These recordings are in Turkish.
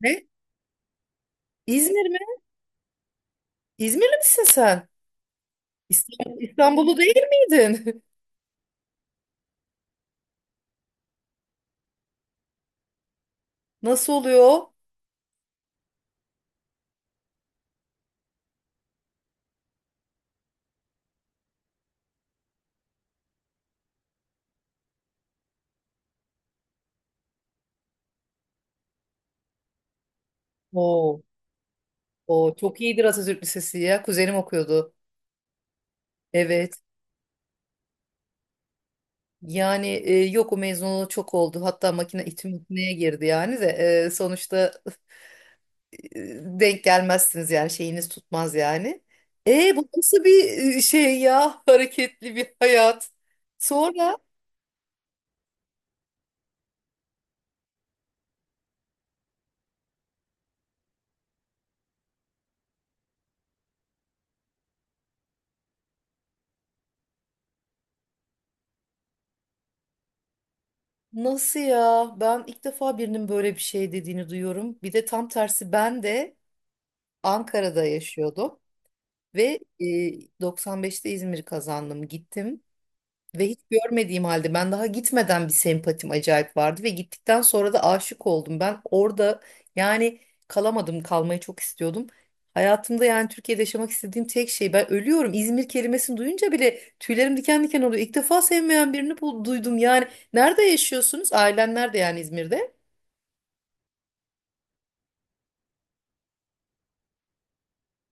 Ne? İzmir mi? İzmirli misin sen? İstanbul, İstanbullu değil miydin? Nasıl oluyor? Oo, o çok iyidir Atatürk Lisesi ya. Kuzenim okuyordu. Evet. Yani yok, o mezunu çok oldu. Hatta makine İTÜ makineye girdi yani de, sonuçta e, denk gelmezsiniz yani şeyiniz tutmaz yani. Bu nasıl bir şey ya? Hareketli bir hayat. Sonra. Nasıl ya? Ben ilk defa birinin böyle bir şey dediğini duyuyorum. Bir de tam tersi, ben de Ankara'da yaşıyordum ve 95'te İzmir kazandım, gittim ve hiç görmediğim halde ben, daha gitmeden, bir sempatim acayip vardı ve gittikten sonra da aşık oldum. Ben orada, yani, kalamadım, kalmayı çok istiyordum. Hayatımda, yani Türkiye'de yaşamak istediğim tek şey, ben ölüyorum. İzmir kelimesini duyunca bile tüylerim diken diken oluyor. İlk defa sevmeyen birini duydum yani. Nerede yaşıyorsunuz? Ailen nerede, yani İzmir'de?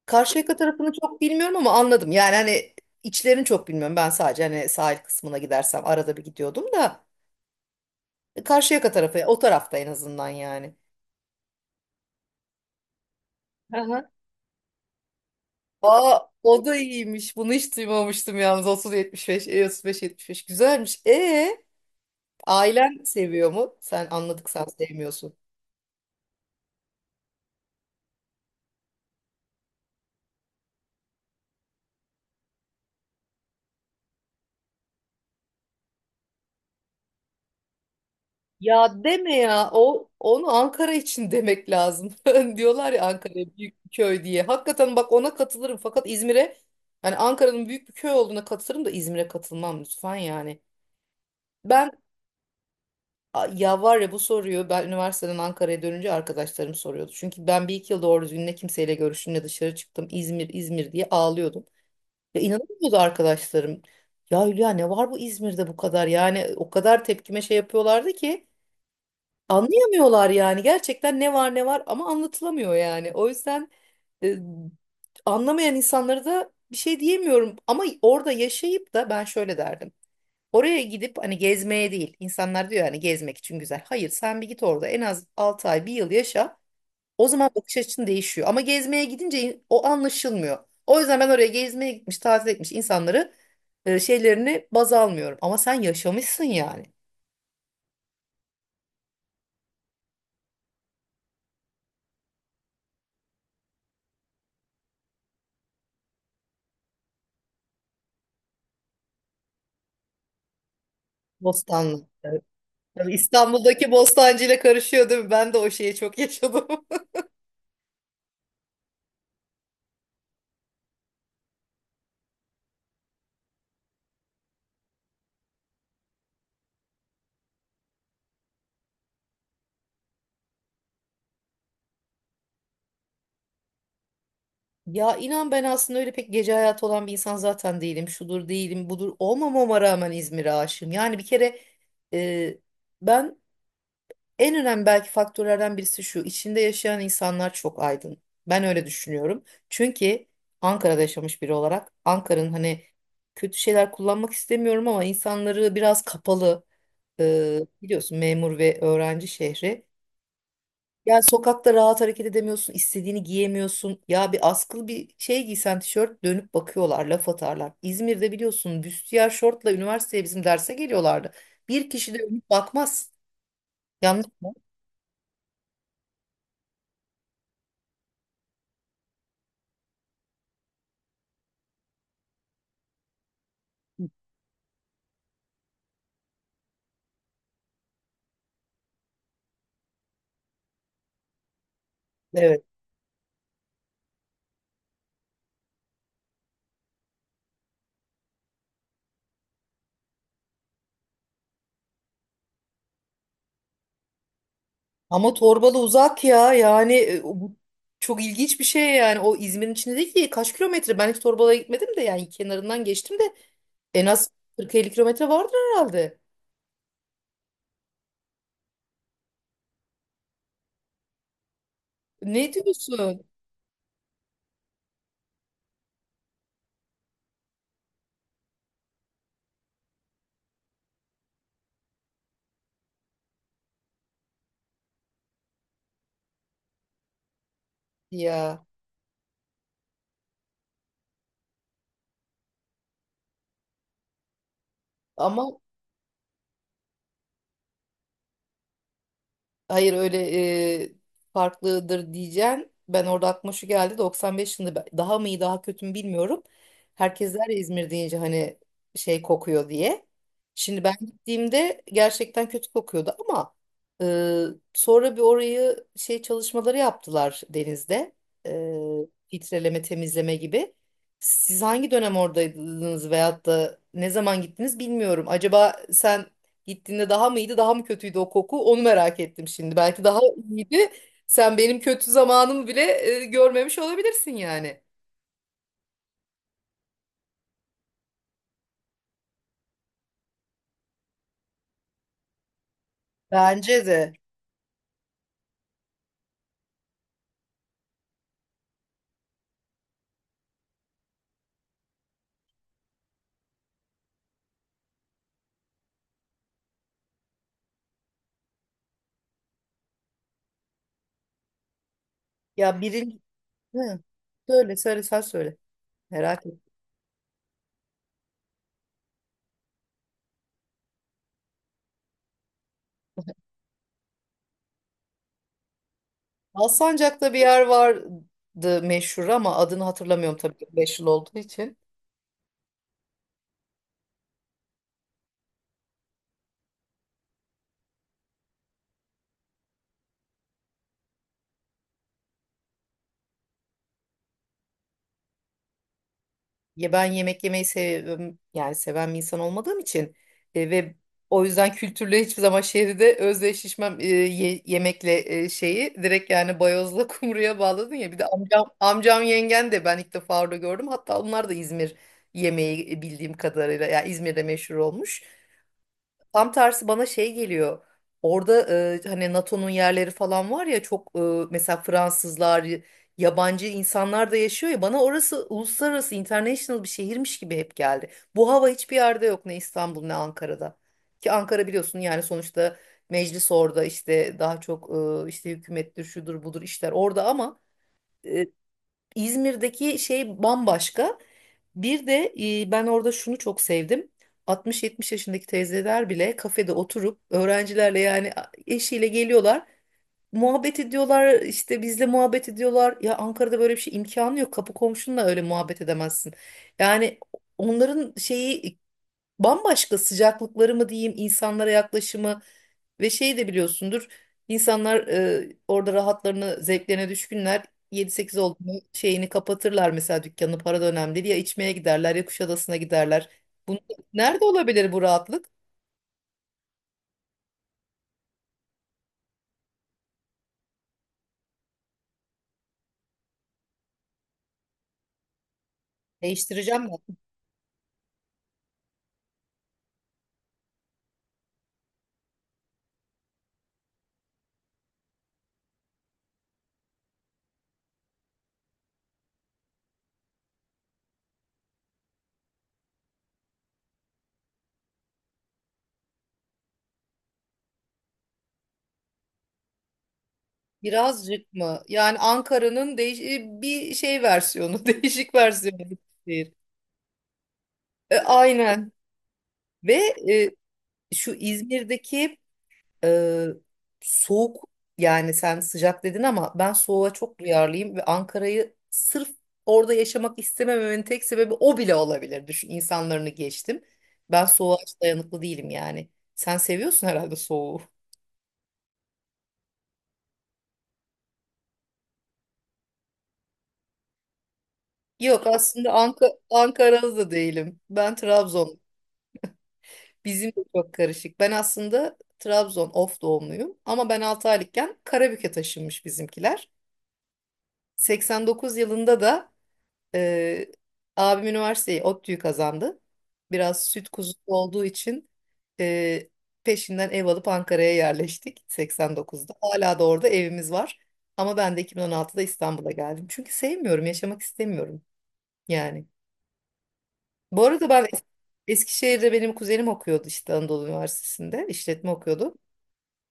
Karşıyaka tarafını çok bilmiyorum ama anladım. Yani hani içlerini çok bilmiyorum. Ben sadece hani sahil kısmına gidersem, arada bir gidiyordum da, Karşıyaka tarafı o tarafta en azından yani. Aha. Aa, o da iyiymiş. Bunu hiç duymamıştım yalnız. 30-75, 35-75 güzelmiş. Ailen seviyor mu? Sen anladık, sen sevmiyorsun. Ya deme ya, o onu Ankara için demek lazım. Diyorlar ya, Ankara büyük bir köy diye. Hakikaten bak, ona katılırım fakat İzmir'e, hani Ankara'nın büyük bir köy olduğuna katılırım da İzmir'e katılmam lütfen yani. Ben ya var ya, bu soruyu ben üniversiteden Ankara'ya dönünce arkadaşlarım soruyordu. Çünkü ben bir iki yıl doğru düzgün ne kimseyle görüştüm ne dışarı çıktım. İzmir İzmir diye ağlıyordum. Ya, inanamıyordu arkadaşlarım. Ya Hülya, ne var bu İzmir'de bu kadar, yani o kadar tepkime şey yapıyorlardı ki. Anlayamıyorlar yani, gerçekten ne var ne var ama anlatılamıyor yani. O yüzden e, anlamayan insanlara da bir şey diyemiyorum, ama orada yaşayıp da ben şöyle derdim. Oraya gidip hani gezmeye değil. İnsanlar diyor hani gezmek için güzel. Hayır, sen bir git orada, en az 6 ay bir yıl yaşa. O zaman bakış açın değişiyor. Ama gezmeye gidince o anlaşılmıyor. O yüzden ben oraya gezmeye gitmiş, tatil etmiş insanları şeylerini baz almıyorum. Ama sen yaşamışsın yani. Bostanlı. Yani İstanbul'daki Bostancı ile karışıyor değil mi? Ben de o şeyi çok yaşadım. Ya inan, ben aslında öyle pek gece hayatı olan bir insan zaten değilim. Şudur değilim, budur olmamama rağmen İzmir'e aşığım. Yani bir kere e, ben, en önemli belki faktörlerden birisi şu: içinde yaşayan insanlar çok aydın. Ben öyle düşünüyorum. Çünkü Ankara'da yaşamış biri olarak, Ankara'nın hani, kötü şeyler kullanmak istemiyorum ama, insanları biraz kapalı. Biliyorsun, memur ve öğrenci şehri. Yani sokakta rahat hareket edemiyorsun, istediğini giyemiyorsun. Ya bir askılı bir şey giysen, tişört, dönüp bakıyorlar, laf atarlar. İzmir'de biliyorsun, büstiyer şortla üniversiteye bizim derse geliyorlardı. Bir kişi de dönüp bakmaz. Yanlış mı? Evet. Ama Torbalı uzak ya, yani o, bu çok ilginç bir şey yani. O İzmir'in içinde değil ki, kaç kilometre? Ben hiç Torbalı'ya gitmedim de, yani kenarından geçtim de, en az 40-50 kilometre vardır herhalde. Ne diyorsun ya? Ama hayır, öyle e, farklıdır diyeceğim. Ben orada aklıma şu geldi: 95 yılında daha mı iyi daha kötü mü bilmiyorum. Herkes der ya, İzmir deyince hani şey kokuyor diye. Şimdi ben gittiğimde gerçekten kötü kokuyordu ama sonra bir orayı şey çalışmaları yaptılar denizde. Filtreleme, temizleme gibi. Siz hangi dönem oradaydınız veyahut da ne zaman gittiniz bilmiyorum. Acaba sen gittiğinde daha mı iyiydi, daha mı kötüydü o koku? Onu merak ettim şimdi. Belki daha iyiydi. Sen benim kötü zamanımı bile görmemiş olabilirsin yani. Bence de. Ya birinci... Hı. Söyle, söyle, sen söyle. Merak ettim. Alsancak'ta bir yer vardı meşhur, ama adını hatırlamıyorum tabii, 5 yıl olduğu için. Ya, ben yemek yemeyi seviyorum. Yani seven bir insan olmadığım için, ve o yüzden kültürle hiçbir zaman şehirde özdeşleşmem, yemekle şeyi direkt, yani bayozla kumruya bağladın ya. Bir de amcam yengen de ben ilk defa orada gördüm. Hatta onlar da İzmir yemeği bildiğim kadarıyla yani İzmir'de meşhur olmuş. Tam tersi bana şey geliyor. Orada hani NATO'nun yerleri falan var ya, çok mesela Fransızlar, yabancı insanlar da yaşıyor ya, bana orası uluslararası, international bir şehirmiş gibi hep geldi. Bu hava hiçbir yerde yok, ne İstanbul ne Ankara'da. Ki Ankara biliyorsun yani, sonuçta meclis orada, işte daha çok işte hükümettir, şudur budur, işler orada, ama İzmir'deki şey bambaşka. Bir de ben orada şunu çok sevdim: 60-70 yaşındaki teyzeler bile kafede oturup öğrencilerle, yani eşiyle geliyorlar. Muhabbet ediyorlar, işte bizle muhabbet ediyorlar. Ya Ankara'da böyle bir şey imkanı yok. Kapı komşunla öyle muhabbet edemezsin. Yani onların şeyi bambaşka, sıcaklıkları mı diyeyim, insanlara yaklaşımı, ve şey de biliyorsundur. İnsanlar orada rahatlarını, zevklerine düşkünler. Yedi sekiz oldu mu şeyini kapatırlar, mesela dükkanı, para da önemli değil. Ya içmeye giderler, ya Kuşadası'na giderler. Bunu, nerede olabilir bu rahatlık? Değiştireceğim ben. Birazcık mı? Yani Ankara'nın bir şey versiyonu, değişik versiyonu. Bir şehir. Aynen. Ve e, şu İzmir'deki Ee, soğuk, yani sen sıcak dedin ama ben soğuğa çok duyarlıyım, ve Ankara'yı sırf orada yaşamak istemememin tek sebebi o bile olabilir. Düşün, insanlarını geçtim. Ben soğuğa hiç dayanıklı değilim yani. Sen seviyorsun herhalde soğuğu. Yok aslında, Ankaralı değilim. Ben Trabzon. Bizim de çok karışık. Ben aslında Trabzon Of doğumluyum, ama ben 6 aylıkken Karabük'e taşınmış bizimkiler. 89 yılında da Ee, abim üniversiteyi, ODTÜ'yü kazandı. Biraz süt kuzusu olduğu için, e, peşinden ev alıp Ankara'ya yerleştik 89'da. Hala da orada evimiz var. Ama ben de 2016'da İstanbul'a geldim. Çünkü sevmiyorum, yaşamak istemiyorum yani. Bu arada ben Eskişehir'de, benim kuzenim okuyordu işte, Anadolu Üniversitesi'nde işletme okuyordu.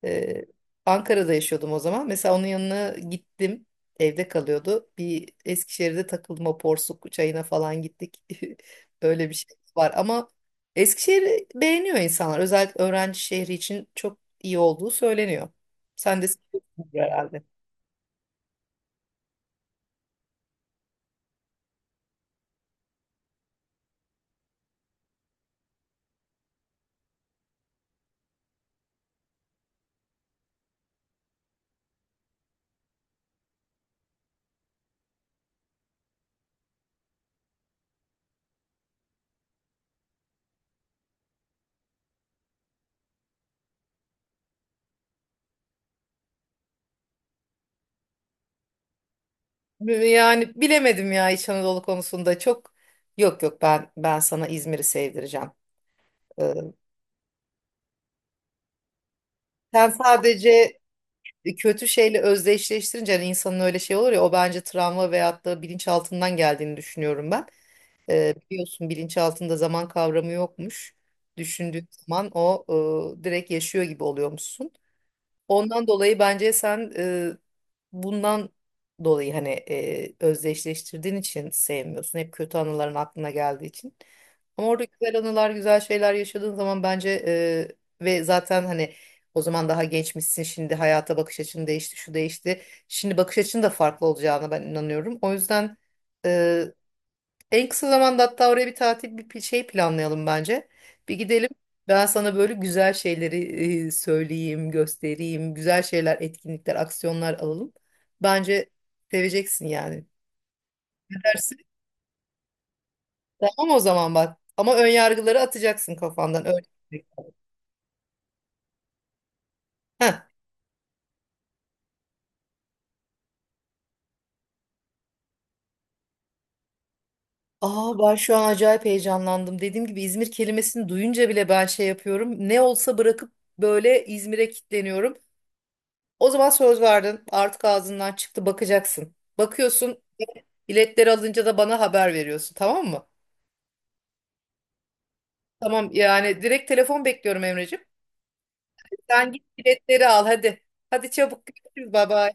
Ee, Ankara'da yaşıyordum o zaman. Mesela onun yanına gittim. Evde kalıyordu. Bir Eskişehir'de takılma, porsuk çayına falan gittik. Öyle bir şey var. Ama Eskişehir'i beğeniyor insanlar. Özellikle öğrenci şehri için çok iyi olduğu söyleniyor. Sen de seviyorsundur herhalde. Yani bilemedim ya, İç Anadolu konusunda çok, yok yok, ben sana İzmir'i sevdireceğim. Ee, Sen sadece kötü şeyle özdeşleştirince, hani insanın öyle şey olur ya, o bence travma veyahut da bilinçaltından geldiğini düşünüyorum ben. Biliyorsun, bilinçaltında zaman kavramı yokmuş. Düşündüğün zaman o direkt yaşıyor gibi oluyormuşsun. Ondan dolayı bence sen, bundan dolayı, hani özdeşleştirdiğin için sevmiyorsun. Hep kötü anıların aklına geldiği için. Ama orada güzel anılar, güzel şeyler yaşadığın zaman bence, ve zaten hani, o zaman daha gençmişsin. Şimdi hayata bakış açın değişti, şu değişti. Şimdi bakış açın da farklı olacağına ben inanıyorum. O yüzden en kısa zamanda, hatta oraya bir tatil bir şey planlayalım bence. Bir gidelim. Ben sana böyle güzel şeyleri söyleyeyim, göstereyim. Güzel şeyler, etkinlikler, aksiyonlar alalım. Bence seveceksin yani. Ne dersin? Tamam, o zaman bak. Ama ön yargıları atacaksın kafandan. Öyle. Heh. Aa, ben şu an acayip heyecanlandım. Dediğim gibi, İzmir kelimesini duyunca bile ben şey yapıyorum. Ne olsa bırakıp böyle İzmir'e kilitleniyorum. O zaman söz verdin. Artık ağzından çıktı, bakacaksın. Bakıyorsun. Biletleri alınca da bana haber veriyorsun, tamam mı? Tamam, yani direkt telefon bekliyorum Emreciğim. Sen git biletleri al hadi. Hadi, çabuk görüşürüz. Bye bye.